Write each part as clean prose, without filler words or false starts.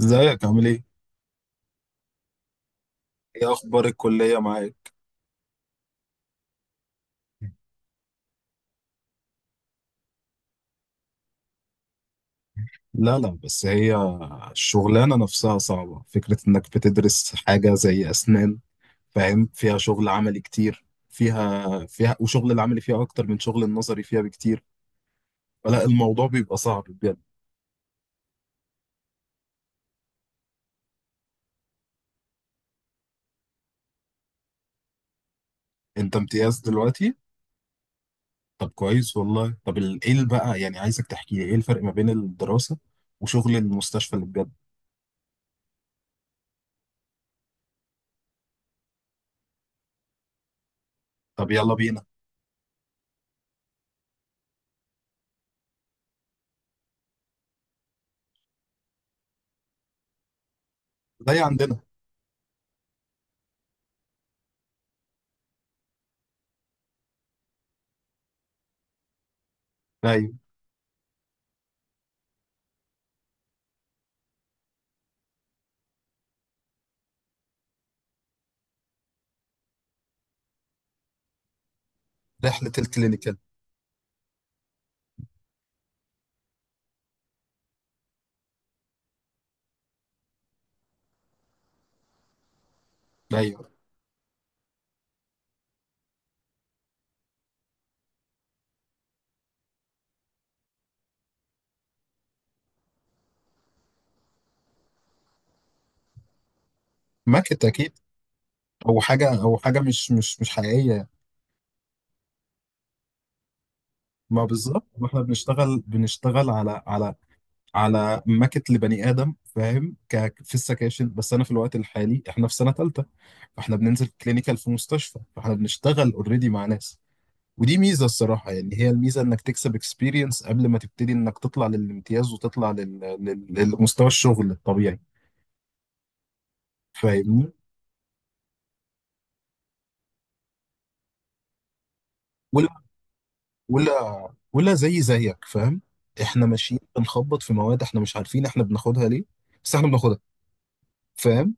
ازيك؟ عامل ايه؟ ايه اخبار الكلية معاك؟ لا لا، بس هي الشغلانة نفسها صعبة، فكرة انك بتدرس حاجة زي اسنان، فاهم؟ فيها شغل عملي كتير، فيها وشغل العملي فيها اكتر من شغل النظري فيها بكتير. فلا، الموضوع بيبقى صعب بجد. انت امتياز دلوقتي؟ طب كويس والله. طب ايه اللي بقى يعني؟ عايزك تحكي لي ايه الفرق ما بين الدراسة وشغل المستشفى اللي بجد؟ طب يلا بينا. زي عندنا. ايوه. رحلة الكلينيكال. ايوه، ماكت اكيد. او حاجه، او حاجه مش حقيقيه. ما بالظبط. واحنا بنشتغل على على ماكت لبني ادم، فاهم؟ في السكاشن. بس انا في الوقت الحالي احنا في سنه ثالثه، فاحنا بننزل كلينيكال في مستشفى، فاحنا بنشتغل اوريدي مع ناس. ودي ميزه الصراحه، يعني هي الميزه انك تكسب اكسبيرينس قبل ما تبتدي، انك تطلع للامتياز وتطلع للمستوى الشغل الطبيعي. فاهمني؟ ولا ولا، زي زيك فاهم. احنا ماشيين بنخبط في مواد، احنا مش عارفين احنا بناخدها ليه، بس احنا بناخدها، فاهم؟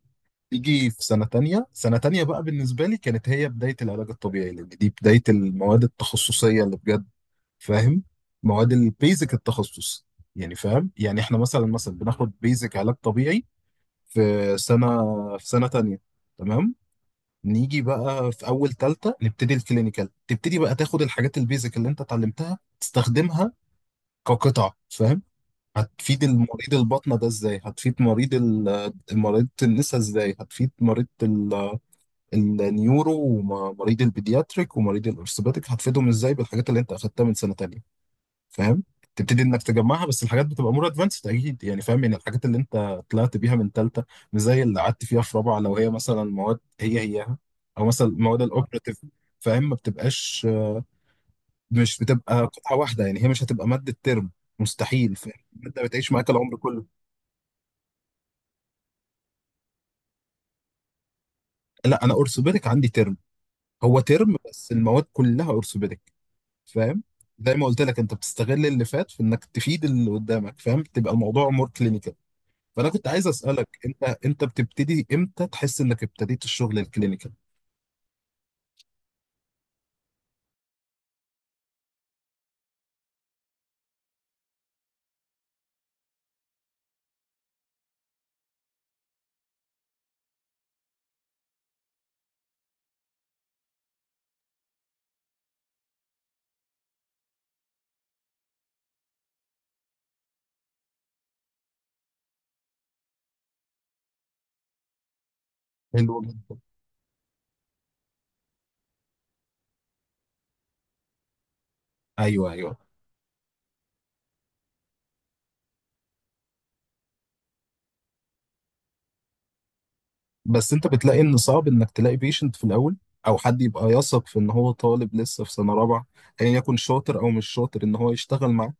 يجي في سنة تانية. سنة تانية بقى بالنسبة لي كانت هي بداية العلاج الطبيعي، لأن دي بداية المواد التخصصية اللي بجد، فاهم؟ مواد البيزك التخصص، يعني فاهم؟ يعني احنا مثلا بناخد بيزك علاج طبيعي في سنة في سنة تانية. تمام. نيجي بقى في أول تالتة نبتدي الكلينيكال، تبتدي بقى تاخد الحاجات البيزك اللي انت اتعلمتها تستخدمها كقطع، فاهم؟ هتفيد المريض البطنة ده ازاي، هتفيد مريض مريض النساء ازاي، هتفيد مريض النيورو ومريض البيدياتريك ومريض الارثوباتيك هتفيدهم ازاي بالحاجات اللي انت اخدتها من سنة تانية، فاهم؟ تبتدي انك تجمعها، بس الحاجات بتبقى مور ادفانسد اكيد يعني، فاهم؟ يعني الحاجات اللي انت طلعت بيها من تالتة مش زي اللي قعدت فيها في رابعة، لو هي مثلا مواد هياها، او مثلا المواد الاوبراتيف، فاهم؟ ما بتبقاش، مش بتبقى قطعة واحدة يعني، هي مش هتبقى مادة ترم، مستحيل، فاهم؟ المادة بتعيش معاك العمر كله. لا، أنا أورثوبيدك عندي ترم، هو ترم بس المواد كلها أورثوبيدك، فاهم؟ زي ما قلت لك، أنت بتستغل اللي فات في إنك تفيد اللي قدامك، فاهم؟ تبقى الموضوع مور كلينيكال. فأنا كنت عايز أسألك، أنت بتبتدي إمتى تحس إنك ابتديت الشغل الكلينيكال؟ حلو جدا. أيوه، أيوه. بس أنت بتلاقي إن صعب إنك تلاقي بيشنت في الأول، أو حد يبقى يثق في إن هو طالب لسه في سنة رابعة، أيا يعني يكن شاطر أو مش شاطر إن هو يشتغل معاك.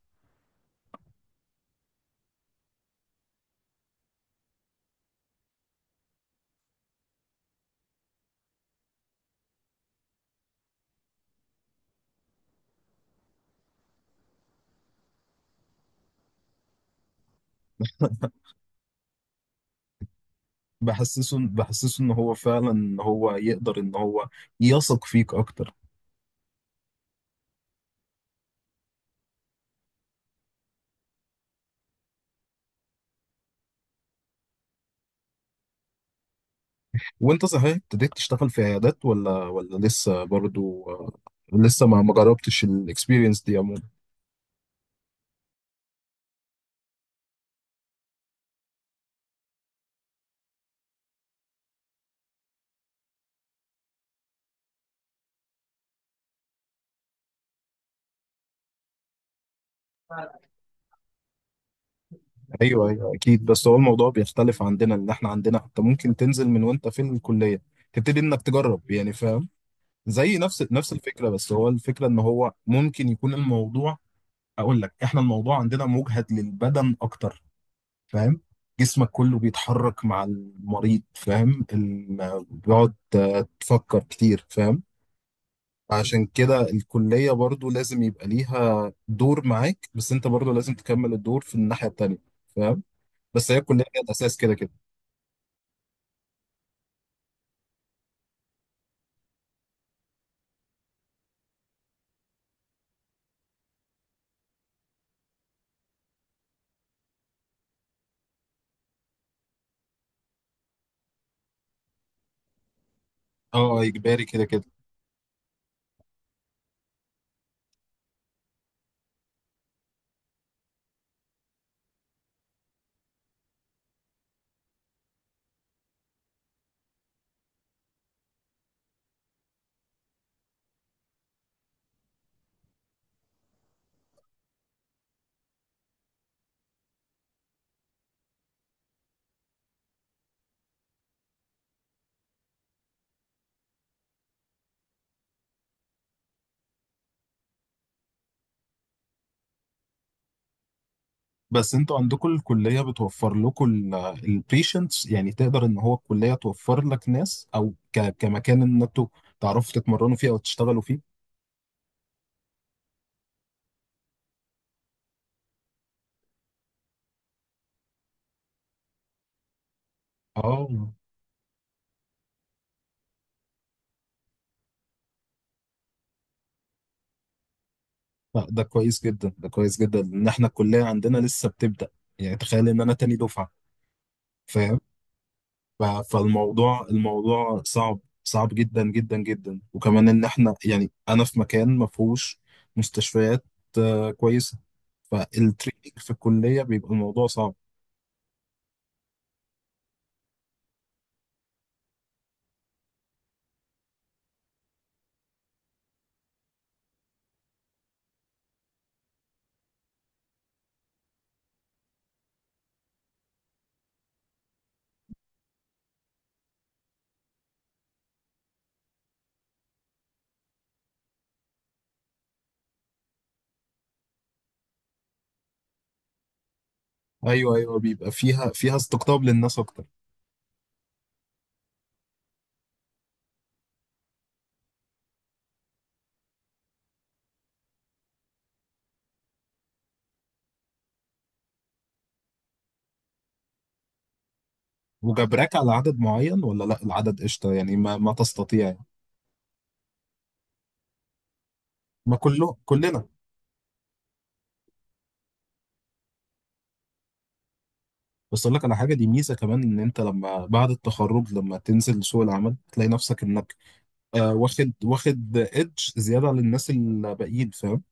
بحسسه ان هو فعلا، ان هو يقدر، ان هو يثق فيك اكتر. وانت صحيح ابتديت تشتغل في عيادات ولا ولا لسه برضو؟ لسه ما جربتش الاكسبيرينس دي عموما. ايوه، ايوه، اكيد. بس هو الموضوع بيختلف عندنا، ان احنا عندنا حتى ممكن تنزل من وانت في الكليه، تبتدي انك تجرب يعني، فاهم؟ زي نفس الفكره، بس هو الفكره ان هو ممكن يكون الموضوع، اقول لك، احنا الموضوع عندنا مجهد للبدن اكتر، فاهم؟ جسمك كله بيتحرك مع المريض، فاهم؟ بيقعد، تفكر كتير، فاهم؟ عشان كده الكلية برضو لازم يبقى ليها دور معاك، بس انت برضو لازم تكمل الدور في الناحية التانية، فاهم؟ بس هي الكلية هي الأساس كده كده. اه، إجباري كده كده. بس انتوا عندكم الكلية بتوفر لكم البيشنتس يعني؟ تقدر ان هو الكلية توفر لك ناس، او كمكان ان انتوا تعرفوا تتمرنوا فيه او تشتغلوا فيه؟ اه. لا، ده كويس جدا، ده كويس جدا، ان احنا الكليه عندنا لسه بتبدا. يعني تخيل ان انا تاني دفعه، فاهم؟ فالموضوع، الموضوع صعب، صعب جدا جدا جدا، وكمان ان احنا يعني انا في مكان ما فيهوش مستشفيات كويسه، فالتريننج في الكليه بيبقى الموضوع صعب. ايوه، ايوه، بيبقى فيها استقطاب للناس اكتر. وجبراك على عدد معين ولا لا؟ العدد قشطه يعني، ما تستطيع يعني. ما كلنا. بس اقول لك على حاجه، دي ميزه كمان، ان انت لما بعد التخرج لما تنزل سوق العمل تلاقي نفسك انك واخد ايدج زياده عن الناس الباقيين، فاهم؟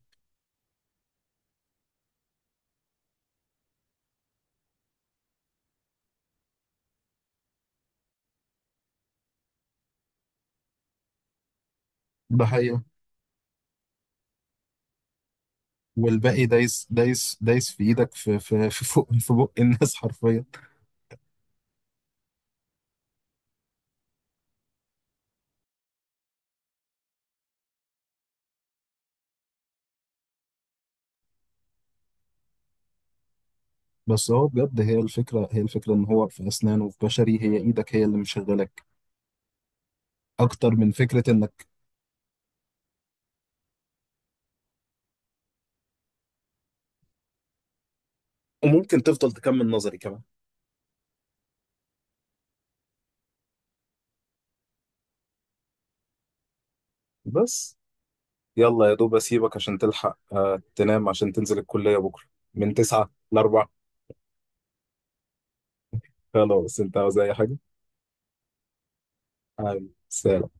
ده حقيقه. والباقي دايس دايس دايس في ايدك، في فوق في بق الناس حرفيا. بس هو بجد هي الفكره ان هو في اسنان وفي بشري هي ايدك هي اللي مشغلك، اكتر من فكره انك. وممكن تفضل تكمل نظري كمان بس. يلا يا دوب اسيبك عشان تلحق تنام عشان تنزل الكليه بكره من 9 ل... خلاص، انت عاوز اي حاجه؟ عاوز